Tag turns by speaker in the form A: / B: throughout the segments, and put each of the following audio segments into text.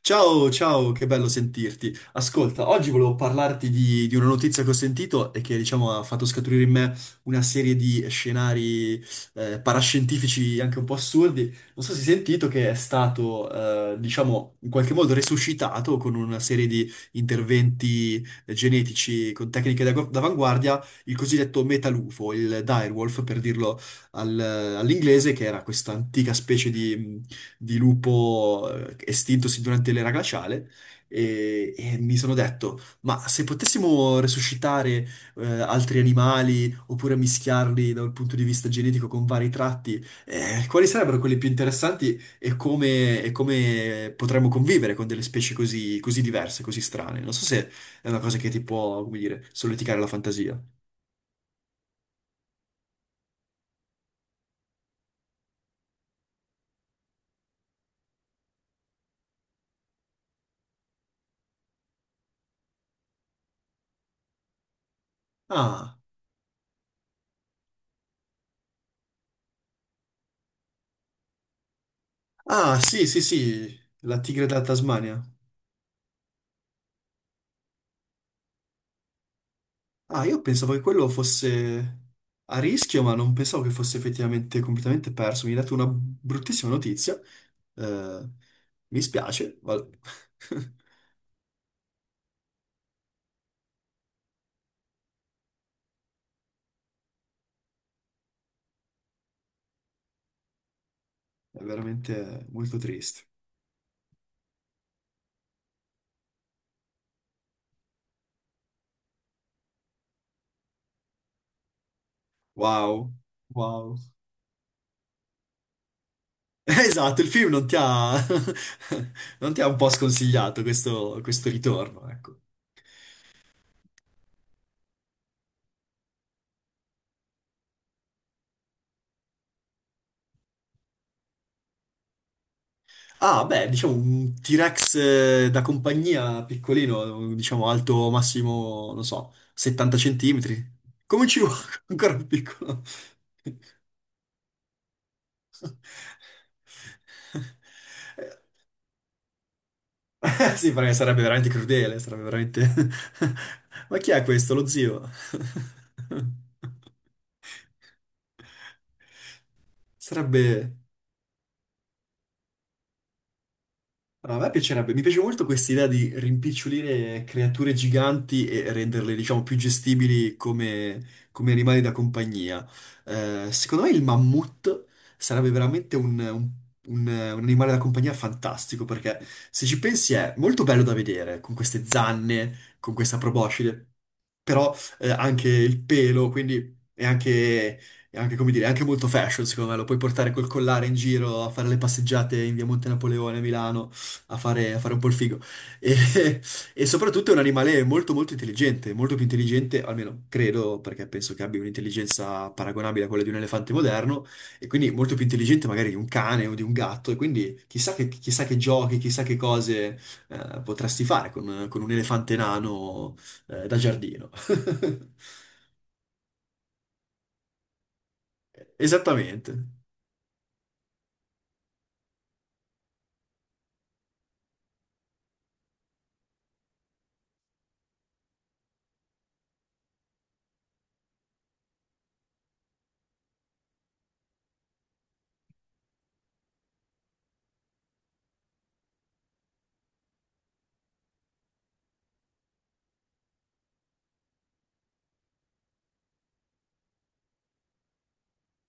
A: Ciao, ciao, che bello sentirti. Ascolta, oggi volevo parlarti di una notizia che ho sentito e che, diciamo, ha fatto scaturire in me una serie di scenari parascientifici anche un po' assurdi. Non so se hai sentito che è stato, diciamo, in qualche modo resuscitato con una serie di interventi genetici con tecniche d'avanguardia, il cosiddetto metalufo, il direwolf per dirlo al- all'inglese, che era questa antica specie di lupo estintosi durante l'era glaciale e mi sono detto, ma se potessimo resuscitare altri animali oppure mischiarli da un punto di vista genetico con vari tratti, quali sarebbero quelli più interessanti e come potremmo convivere con delle specie così, così diverse, così strane? Non so se è una cosa che ti può, come dire, solleticare la fantasia. Ah, sì, sì, sì, la tigre della Tasmania. Ah, io pensavo che quello fosse a rischio, ma non pensavo che fosse effettivamente completamente perso. Mi hai dato una bruttissima notizia. Eh, mi spiace, ma è veramente molto triste. Wow, wow. Esatto, il film non ti ha, non ti ha un po' sconsigliato questo, questo ritorno, ecco. Ah, beh, diciamo un T-Rex da compagnia piccolino, diciamo alto massimo, non so, 70 centimetri. Come ci vuole ancora più piccolo? Sì, perché sarebbe veramente crudele, sarebbe veramente... Ma chi è questo? Lo zio? Sarebbe... No, a me piacerebbe, mi piace molto questa idea di rimpicciolire creature giganti e renderle, diciamo, più gestibili come, come animali da compagnia. Secondo me il mammut sarebbe veramente un animale da compagnia fantastico, perché se ci pensi è molto bello da vedere, con queste zanne, con questa proboscide, però anche il pelo, quindi è anche, come dire, è anche molto fashion, secondo me, lo puoi portare col collare in giro a fare le passeggiate in via Monte Napoleone a Milano a fare un po' il figo. E, e soprattutto è un animale molto molto intelligente, molto più intelligente, almeno credo, perché penso che abbia un'intelligenza paragonabile a quella di un elefante moderno, e quindi molto più intelligente magari di un cane o di un gatto, e quindi chissà che giochi, chissà che cose potresti fare con un elefante nano da giardino. Esattamente.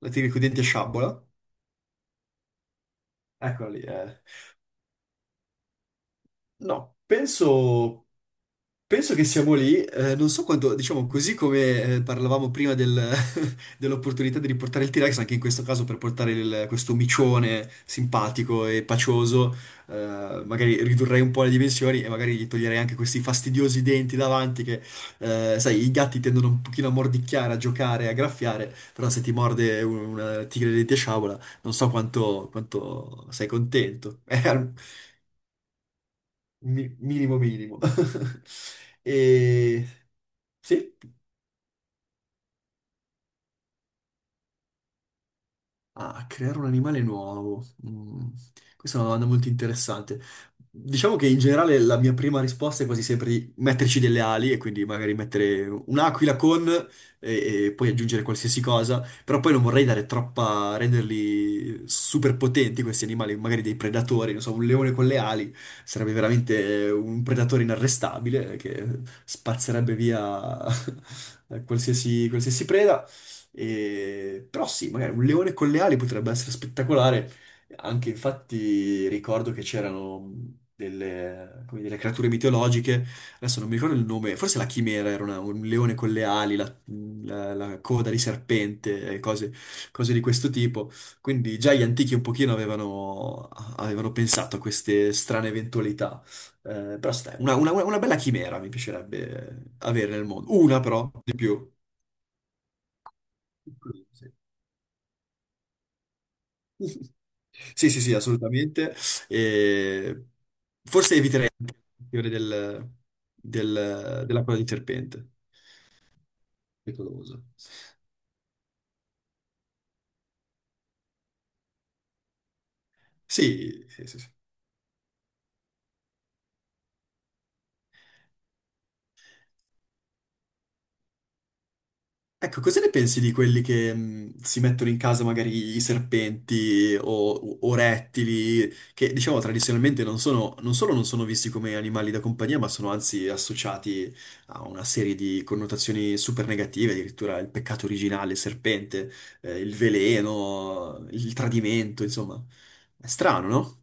A: La tigre con i denti a sciabola. Eccola lì. No, penso... Penso che siamo lì, non so quanto, diciamo così come parlavamo prima dell'opportunità di riportare il T-Rex, anche in questo caso per portare questo micione simpatico e pacioso, magari ridurrei un po' le dimensioni e magari gli toglierei anche questi fastidiosi denti davanti che, sai, i gatti tendono un pochino a mordicchiare, a giocare, a graffiare, però se ti morde una tigre di sciabola, non so quanto, quanto sei contento. È al minimo minimo. E... Sì? Ah, creare un animale nuovo. Mm, questa è una domanda molto interessante. Diciamo che in generale la mia prima risposta è quasi sempre di metterci delle ali e quindi magari mettere un'aquila con e poi aggiungere qualsiasi cosa, però poi non vorrei dare troppa, renderli super potenti questi animali, magari dei predatori, non so, un leone con le ali sarebbe veramente un predatore inarrestabile che spazzerebbe via qualsiasi, qualsiasi preda. E- Però sì, magari un leone con le ali potrebbe essere spettacolare. Anche infatti ricordo che c'erano delle, come delle creature mitologiche, adesso non mi ricordo il nome, forse la chimera era un leone con le ali, la, la coda di serpente, e cose, cose di questo tipo. Quindi già gli antichi un pochino avevano, avevano pensato a queste strane eventualità. Però stai, una bella chimera mi piacerebbe avere nel mondo. Una però, di più. Sì. Sì, sì, sì, assolutamente. E forse eviterei il fiore della coda di serpente, pericoloso. Sì, sì, sì, sì. Ecco, cosa ne pensi di quelli che si mettono in casa magari i serpenti o rettili, che diciamo tradizionalmente non sono, non solo non sono visti come animali da compagnia, ma sono anzi associati a una serie di connotazioni super negative, addirittura il peccato originale, il serpente, il veleno, il tradimento, insomma. È strano, no?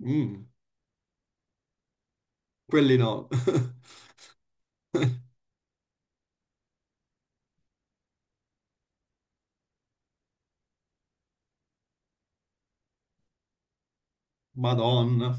A: Mm, quelli no. Madonna.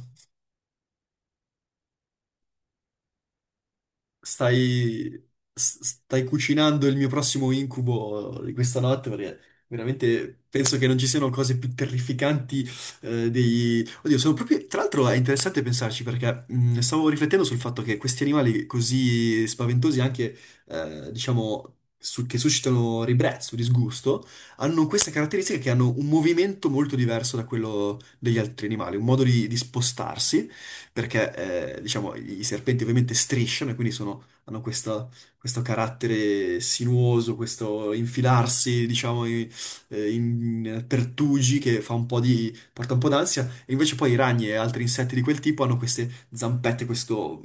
A: Stai, stai cucinando il mio prossimo incubo di questa notte perché veramente penso che non ci siano cose più terrificanti dei... Oddio, sono proprio... Tra l'altro è interessante pensarci perché stavo riflettendo sul fatto che questi animali così spaventosi anche, diciamo, che suscitano ribrezzo, disgusto, hanno questa caratteristica che hanno un movimento molto diverso da quello degli altri animali, un modo di spostarsi perché diciamo i serpenti ovviamente strisciano e quindi hanno questo carattere sinuoso, questo infilarsi, diciamo, in, in pertugi che fa un po' di, porta un po' d'ansia, e invece poi i ragni e altri insetti di quel tipo hanno queste zampette, questo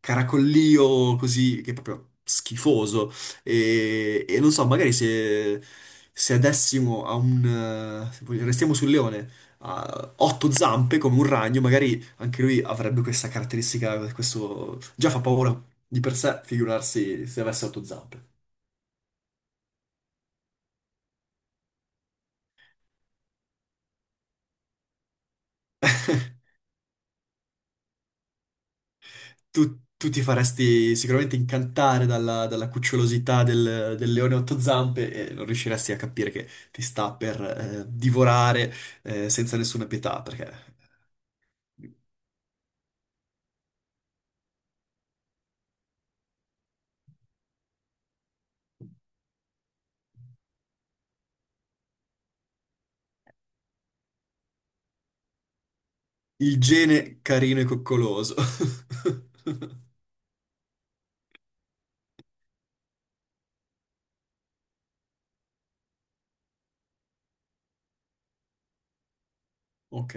A: caracollio così, che è proprio schifoso, e non so, magari se... Se adessimo a un... se restiamo sul leone, a otto zampe come un ragno, magari anche lui avrebbe questa caratteristica, questo... Già fa paura di per sé, figurarsi se avesse otto zampe. Tu ti faresti sicuramente incantare dalla, dalla cucciolosità del leone a otto zampe e non riusciresti a capire che ti sta per divorare senza nessuna pietà, perché il gene carino e coccoloso. Ok.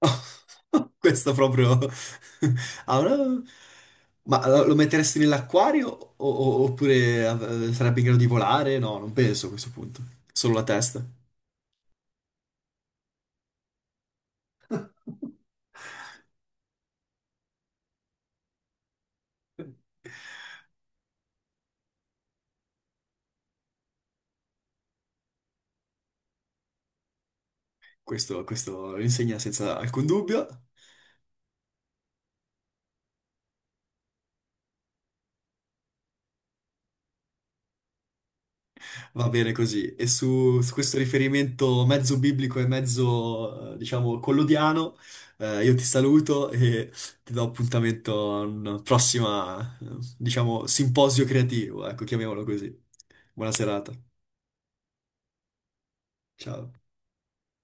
A: Questo proprio... Ah, no. Ma lo metteresti nell'acquario oppure sarebbe in grado di volare? No, non penso a questo punto. Solo la testa. Questo lo insegna senza alcun dubbio. Va bene così. E su questo riferimento mezzo biblico e mezzo, diciamo, collodiano, io ti saluto e ti do appuntamento a un prossimo, diciamo, simposio creativo, ecco, chiamiamolo così. Buona serata. Ciao.